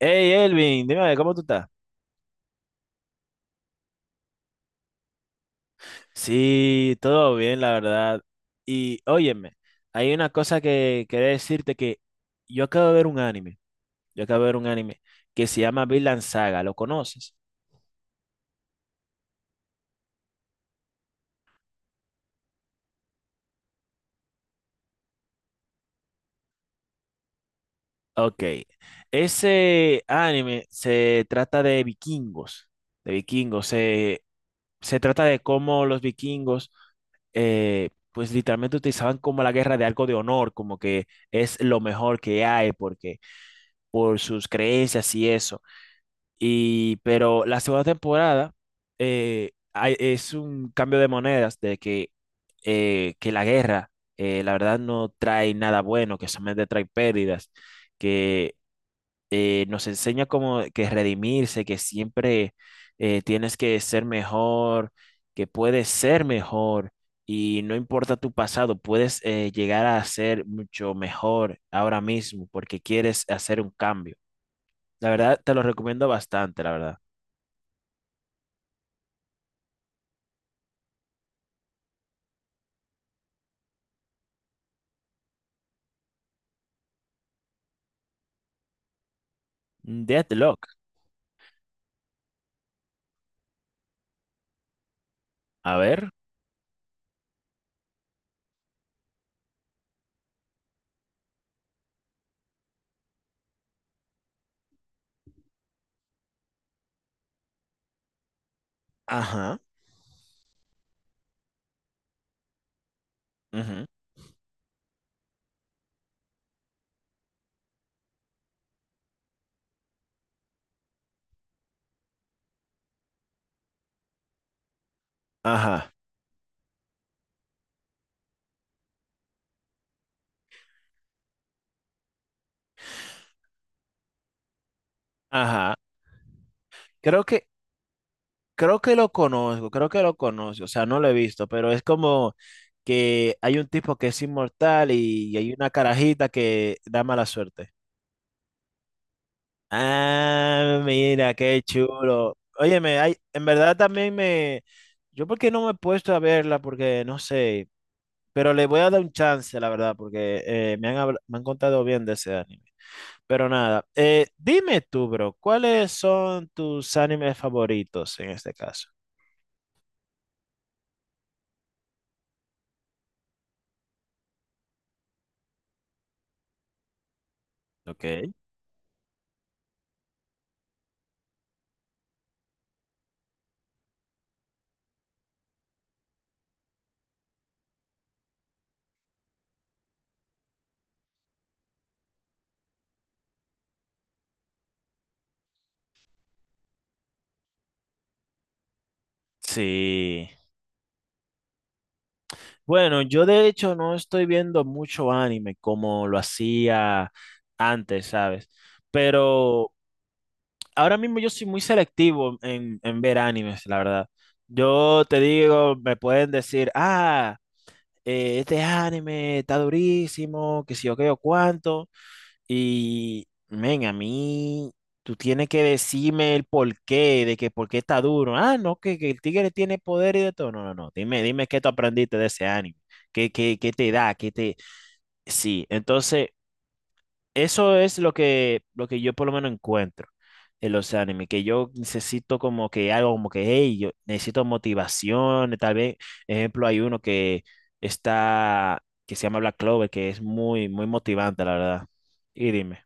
Hey Elvin, dime a ver, ¿cómo tú estás? Sí, todo bien, la verdad. Y óyeme, hay una cosa que quería decirte que yo acabo de ver un anime, yo acabo de ver un anime que se llama Vinland Saga, ¿lo conoces? Ok, ese anime se trata de vikingos, de vikingos, se, se trata de cómo los vikingos pues literalmente utilizaban como la guerra de algo de honor, como que es lo mejor que hay, porque por sus creencias y eso. Pero la segunda temporada es un cambio de monedas de que, eh, que la guerra, la verdad, no trae nada bueno, que solamente trae pérdidas, que nos enseña como que redimirse, que siempre tienes que ser mejor, que puedes ser mejor y no importa tu pasado, puedes llegar a ser mucho mejor ahora mismo porque quieres hacer un cambio. La verdad, te lo recomiendo bastante, la verdad. Deadlock. A ver. Ajá, ujú, ajá, ajá. Creo que, creo que lo conozco, creo que lo conozco. O sea, no lo he visto, pero es como que hay un tipo que es inmortal y hay una carajita que da mala suerte. Ah, mira, qué chulo. Óyeme, hay, en verdad también me... Yo porque no me he puesto a verla, porque no sé, pero le voy a dar un chance, la verdad, porque me han contado bien de ese anime. Pero nada, dime tú, bro, ¿cuáles son tus animes favoritos en este caso? Ok. Sí. Bueno, yo de hecho no estoy viendo mucho anime como lo hacía antes, ¿sabes? Pero ahora mismo yo soy muy selectivo en ver animes, la verdad. Yo te digo, me pueden decir, este anime está durísimo, que si yo qué o cuánto. Y, men, a mí, tú tienes que decirme el porqué, de que por qué está duro. Ah, no, que el tigre tiene poder y de todo. No, no, no. Dime, dime qué tú aprendiste de ese anime. ¿Qué, qué, qué te da? ¿Qué te... Sí, entonces, eso es lo que yo por lo menos encuentro en los animes, que yo necesito como que algo como que, hey, yo necesito motivación. Tal vez, ejemplo, hay uno que se llama Black Clover, que es muy, muy motivante, la verdad. Y dime.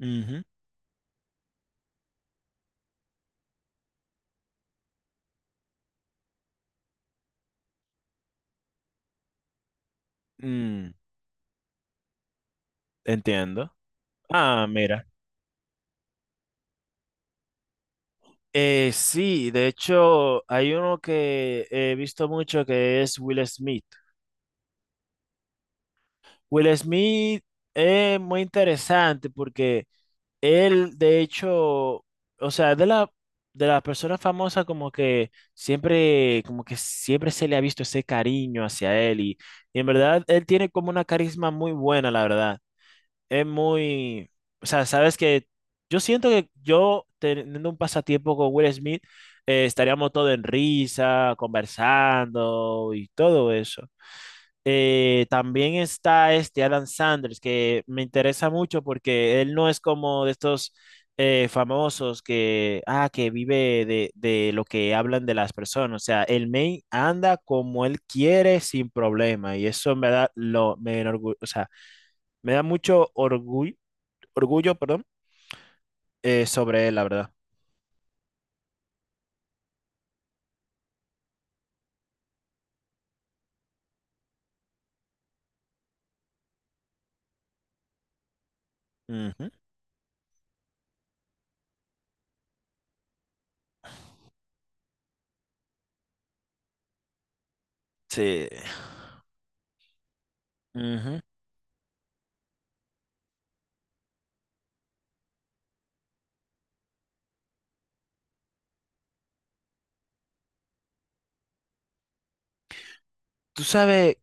Ujú. Mm, entiendo. Ah, mira. Sí, de hecho, hay uno que he visto mucho que es Will Smith. Will Smith es muy interesante porque él, de hecho, o sea, de las personas famosas como que siempre se le ha visto ese cariño hacia él y en verdad él tiene como una carisma muy buena, la verdad. Es muy, o sea, sabes que yo siento que yo teniendo un pasatiempo con Will Smith, estaríamos todos en risa, conversando y todo eso. También está este Adam Sanders, que me interesa mucho porque él no es como de estos famosos que, ah, que vive de lo que hablan de las personas. O sea, el main anda como él quiere sin problema y eso en verdad o sea, me da mucho orgullo orgullo, perdón, sobre él, la verdad. Ujú, sí, ujú. ¿Tú sabes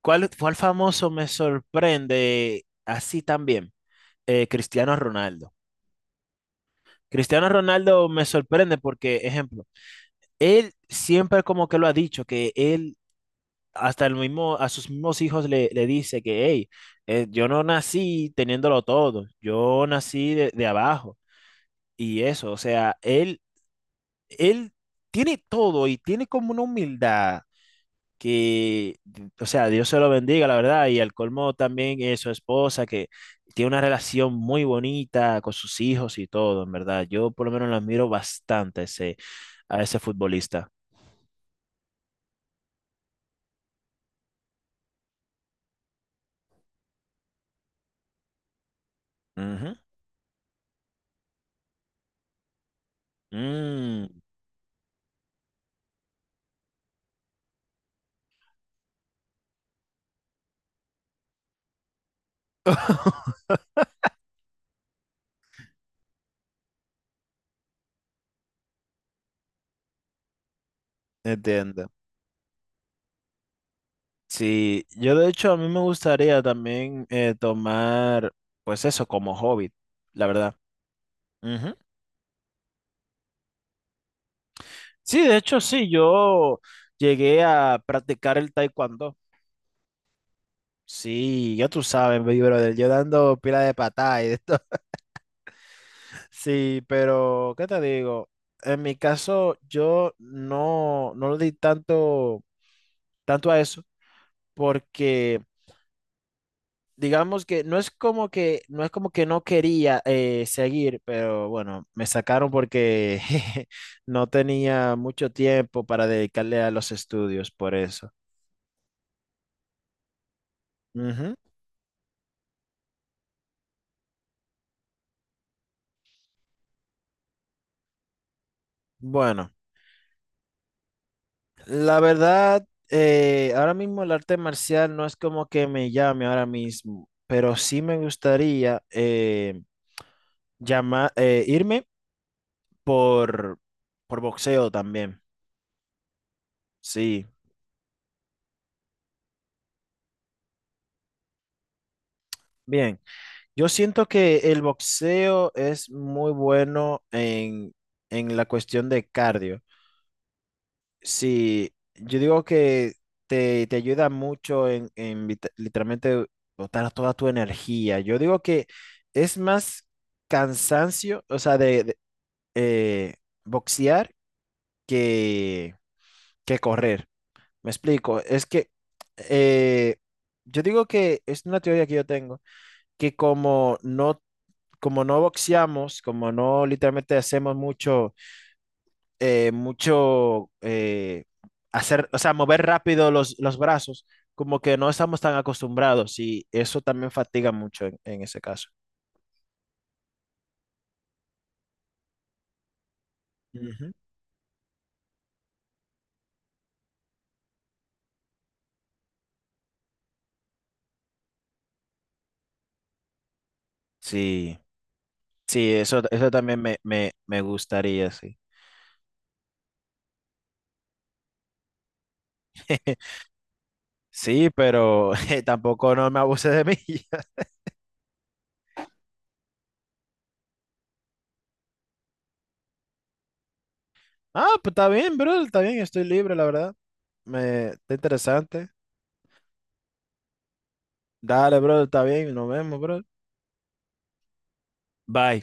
cuál, cuál famoso me sorprende así también? Cristiano Ronaldo. Cristiano Ronaldo me sorprende porque, ejemplo, él siempre como que lo ha dicho, que él hasta el mismo, a sus mismos hijos le, le dice que, hey, yo no nací teniéndolo todo, yo nací de abajo. Y eso, o sea, él tiene todo y tiene como una humildad que, o sea, Dios se lo bendiga, la verdad, y al colmo también es su esposa, que tiene una relación muy bonita con sus hijos y todo, en verdad. Yo por lo menos lo admiro bastante a ese futbolista. Ujú. Mm, entiendo. Sí, yo de hecho a mí me gustaría también pues eso, como hobby, la verdad. Ujú. Sí, de hecho sí, yo llegué a practicar el taekwondo. Sí, ya tú sabes, mi brother, yo dando pila de patada y de esto. Sí, pero ¿qué te digo? En mi caso, yo no, no le di tanto, tanto a eso, porque digamos que no es como que no es como que no quería seguir, pero bueno, me sacaron porque no tenía mucho tiempo para dedicarle a los estudios, por eso. Ujú. Bueno. La verdad, ahora mismo el arte marcial no es como que me llame ahora mismo, pero sí me gustaría irme por, por boxeo también. Sí, bien. Yo siento que el boxeo es muy bueno en la cuestión de cardio. Sí, yo digo que te ayuda mucho en, literalmente botar toda tu energía. Yo digo que es más cansancio, o sea, eh, boxear que, que correr. Me explico, es que eh, yo digo que es una teoría que yo tengo, que como no boxeamos, como no literalmente hacemos mucho eh, mucho eh, hacer, o sea, mover rápido los brazos, como que no estamos tan acostumbrados y eso también fatiga mucho en ese caso. Ujú. Sí, sí, eso también me gustaría, sí. Sí, pero tampoco no me abuse de mí. Ah, pues está bien, bro, está bien, estoy libre, la verdad. Me, está interesante. Dale, bro, está bien, nos vemos, bro. Bye.